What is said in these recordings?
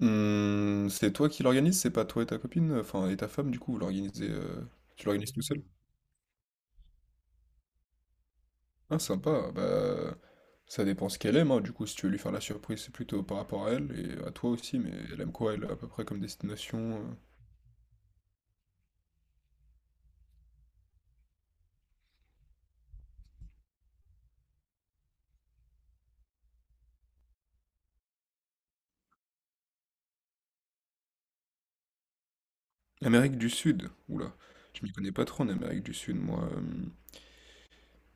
Mmh, c'est toi qui l'organise? C'est pas toi et ta copine? Enfin, et ta femme, du coup, vous l'organisez... Tu l'organises tout seul? Ah, sympa. Bah, ça dépend ce qu'elle aime, hein. Du coup, si tu veux lui faire la surprise, c'est plutôt par rapport à elle et à toi aussi. Mais elle aime quoi, elle, à peu près comme destination? Amérique du Sud. Oula, je m'y connais pas trop en Amérique du Sud, moi.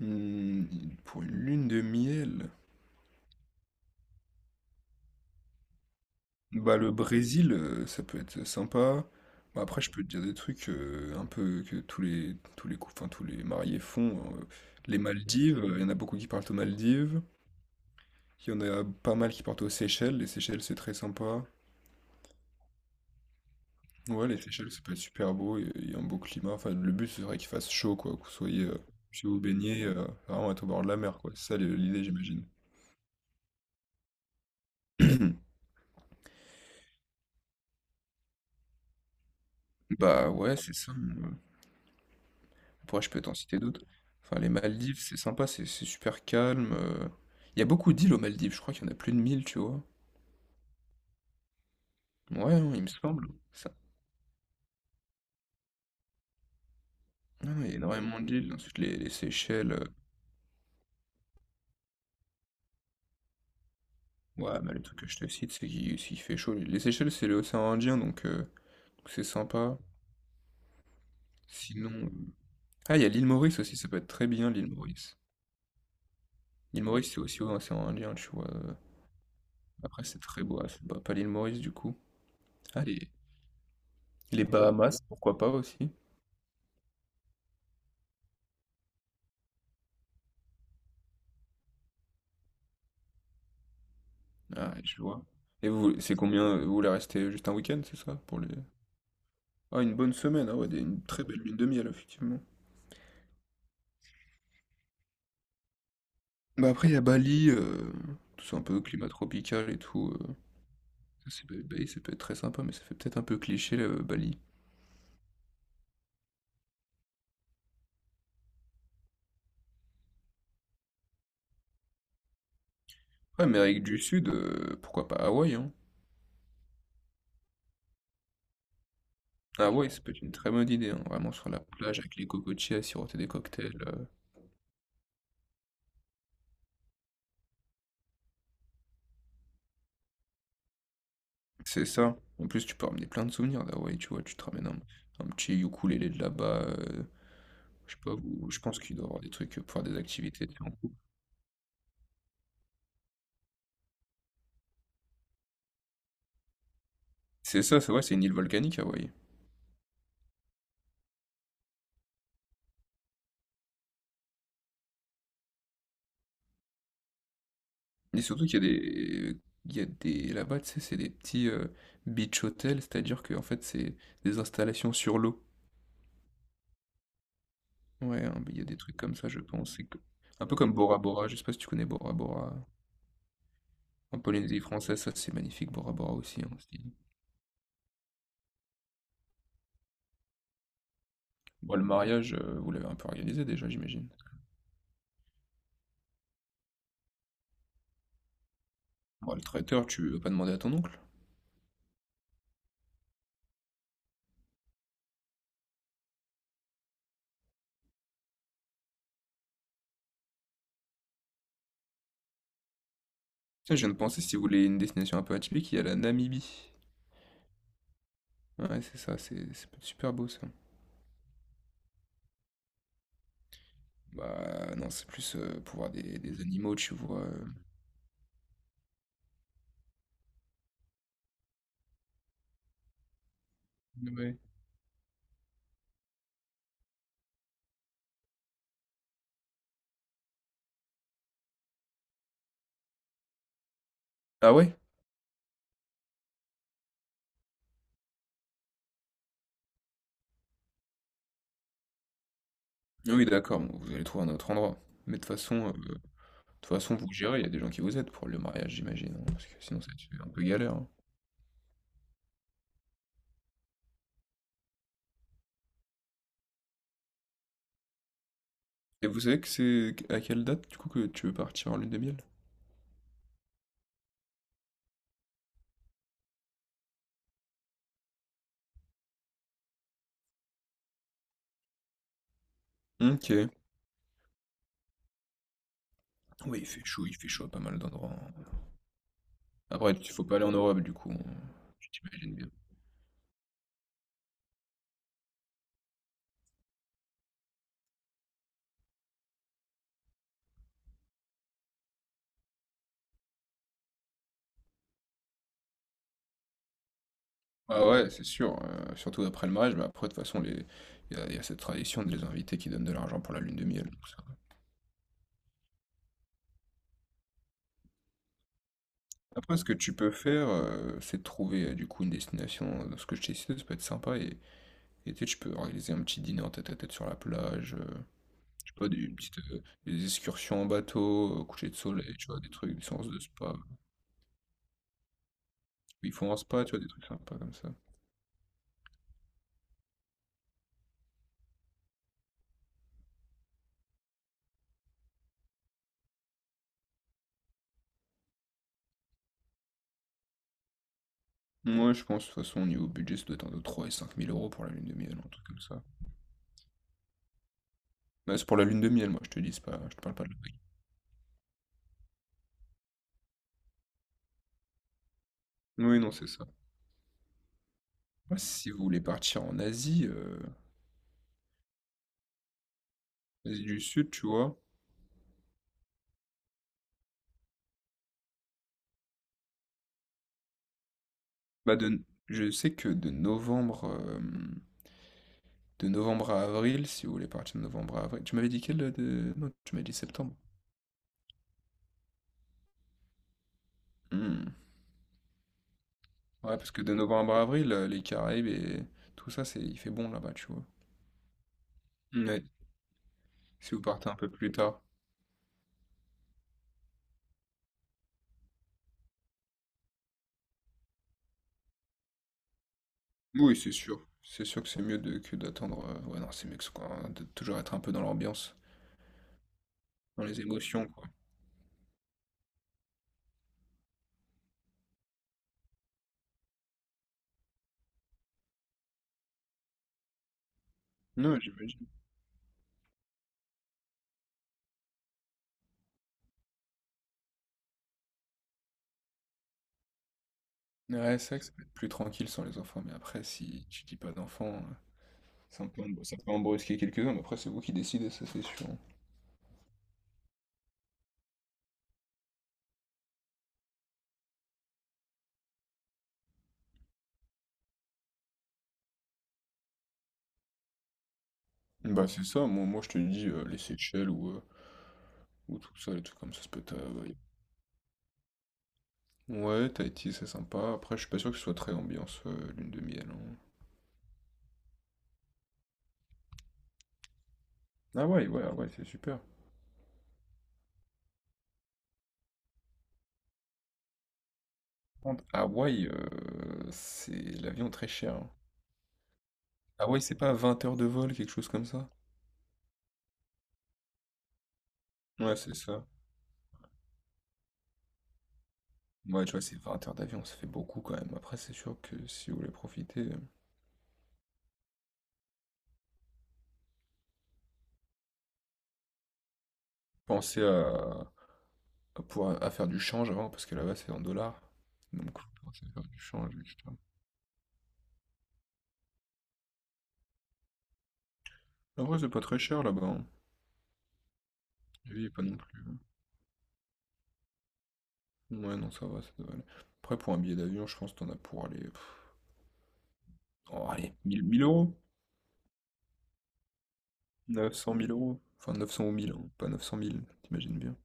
Hmm, pour une lune de miel... Bah, le Brésil, ça peut être sympa. Bah, après, je peux te dire des trucs, un peu que tous les cou enfin, tous les mariés font, Les Maldives, il y en a beaucoup qui partent aux Maldives. Il y en a pas mal qui partent aux Seychelles. Les Seychelles, c'est très sympa. Ouais, les Seychelles, ça peut être super beau. Il y a un beau climat. Enfin, le but, ce serait qu'il fasse chaud, quoi, que vous soyez, puissiez vous baignez vraiment être au bord de la mer, quoi. C'est ça l'idée, j'imagine. Bah, ouais, c'est ça, mmh. Ouais, je peux t'en citer d'autres. Enfin, les Maldives, c'est sympa, c'est super calme. Il y a beaucoup d'îles aux Maldives, je crois qu'il y en a plus de mille, tu vois. Ouais, non, il me semble. Ça... Non, non, il y a énormément d'îles. Ensuite, les Seychelles. Ouais, mais le truc que je te cite, c'est qu'il s'il fait chaud. Les Seychelles, c'est l'océan Indien, donc c'est sympa. Sinon, ah, il y a l'île Maurice aussi, ça peut être très bien, l'île Maurice. L'île Maurice, c'est aussi l'océan Indien, tu vois. Après, c'est très beau. Ah, c'est pas l'île Maurice, du coup. Ah, les, les Bahamas, pourquoi pas aussi. Ah, je vois. Et vous, c'est combien? Vous voulez rester juste un week-end, c'est ça? Pour les... Ah, une bonne semaine, ah ouais, une très belle lune de miel, effectivement. Bah après, il y a Bali, tout ça un peu climat tropical et tout. Ça, Bali, ça peut être très sympa, mais ça fait peut-être un peu cliché, là, Bali. Ouais, Amérique du Sud, pourquoi pas Hawaï, hein? Hawaï, ça peut être une très bonne idée, hein. Vraiment sur la plage avec les cocotiers à siroter des cocktails. C'est ça. En plus, tu peux ramener plein de souvenirs d'Hawaï, tu vois. Tu te ramènes un petit ukulélé de là-bas. Euh, Je sais pas où, je pense qu'il doit y avoir des trucs pour faire des activités, tu sais, en couple. C'est ça, c'est vrai, c'est une île volcanique, Hawaï. Mais surtout qu'il y a des. Il y a des. Là-bas, tu sais, c'est des petits beach hotels, c'est-à-dire que en fait, c'est des installations sur l'eau. Ouais, hein, il y a des trucs comme ça, je pense. Un peu comme Bora Bora, je sais pas si tu connais Bora Bora. En Polynésie française, ça c'est magnifique, Bora Bora aussi, hein. c'est- Bon, le mariage, vous l'avez un peu organisé déjà, j'imagine. Bon, le traiteur, tu vas pas demander à ton oncle. Tiens, je viens de penser, si vous voulez une destination un peu atypique, il y a la Namibie. Ouais, c'est ça, c'est peut-être super beau ça. Bah non, c'est plus pour voir des animaux, tu vois. Ouais. Ah ouais? Ah oui, d'accord, bon, vous allez trouver un autre endroit. Mais de toute façon, vous gérez, il y a des gens qui vous aident pour le mariage, j'imagine, hein, parce que sinon ça va être un peu galère, hein. Et vous savez que c'est à quelle date, du coup, que tu veux partir en lune de miel? Ok. Oui, il fait chaud à pas mal d'endroits, hein. Après, il faut pas aller en Europe, du coup, hein, tu t'imagines bien. Ah ouais, c'est sûr, surtout après le mariage, mais après, de toute façon, les... il y a cette tradition de les inviter qui donnent de l'argent pour la lune de miel, tout ça. Après, ce que tu peux faire, c'est de trouver du coup une destination, dans ce que je t'ai cité, ça peut être sympa, et tu sais, tu peux organiser un petit dîner en tête à tête sur la plage, je sais pas, une petite, des excursions en bateau, coucher de soleil, tu vois, des trucs, des séances de spa. Ils font un spa, tu vois, des trucs sympas comme ça. Moi, je pense, de toute façon, au niveau budget, ça doit être entre 3 et 5 000 euros pour la lune de miel, un truc comme ça. Mais c'est pour la lune de miel, moi, je te dis, c'est pas, je te parle pas de... Oui, non, c'est ça. Moi, si vous voulez partir en Asie, Asie du Sud, tu vois, bah de, je sais que de novembre à avril, si vous voulez partir de novembre à avril, tu m'avais dit quel de... Non, tu m'avais dit septembre. Hmm. Ouais, parce que de novembre à avril, les Caraïbes et tout ça, c'est, il fait bon là-bas, tu vois. Ouais, si vous partez un peu plus tard. Oui, c'est sûr. C'est sûr que c'est mieux que d'attendre. Ouais, non, c'est mieux que, de toujours être un peu dans l'ambiance, dans les émotions, quoi. Non, j'imagine. Ouais, c'est vrai que ça peut être plus tranquille sans les enfants, mais après, si tu dis pas d'enfants, ça peut, ça peut en brusquer quelques-uns, mais après, c'est vous qui décidez, ça c'est sûr. Bah, c'est ça, moi je te dis, les Seychelles ou tout ça, les trucs comme ça peut être. Ouais, Ouais, Tahiti, c'est sympa. Après, je suis pas sûr que ce soit très ambiance lune de miel, hein. Ah ouais, ouais, ouais, c'est super. Par contre, Hawaï, c'est l'avion très cher, hein. Hawaï, c'est pas 20 heures de vol, quelque chose comme ça? Ouais, c'est ça. Ouais, tu vois, c'est 20 heures d'avion, ça fait beaucoup quand même. Après, c'est sûr que si vous voulez profiter. Pensez à pouvoir à faire du change avant, parce que là-bas c'est en dollars. Donc faut penser à faire du change, etc. En vrai, c'est pas très cher là-bas, hein. La pas non plus. Ouais, non, ça va, ça doit aller. Après, pour un billet d'avion, je pense que t'en as pour aller. Pff, oh, allez, mille euros? Neuf cent 900 000 euros? Enfin, 900 ou 1000, hein, pas 900 000, t'imagines bien.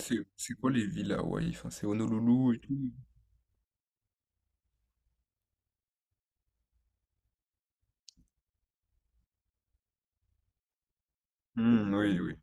C'est quoi les villes à Hawaï? Enfin, c'est Honolulu et tout. Hmm, oui, oui.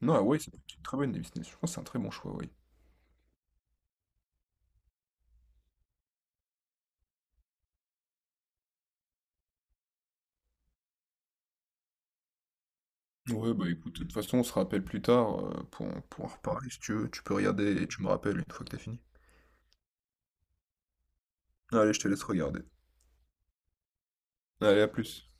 Non, Hawaï, c'est une très bonne destination. Je pense que c'est un très bon choix, Hawaï. Ouais, bah écoute, de toute façon, on se rappelle plus tard pour en reparler si tu veux. Tu peux regarder et tu me rappelles une fois que t'as fini. Allez, je te laisse regarder. Allez, à plus.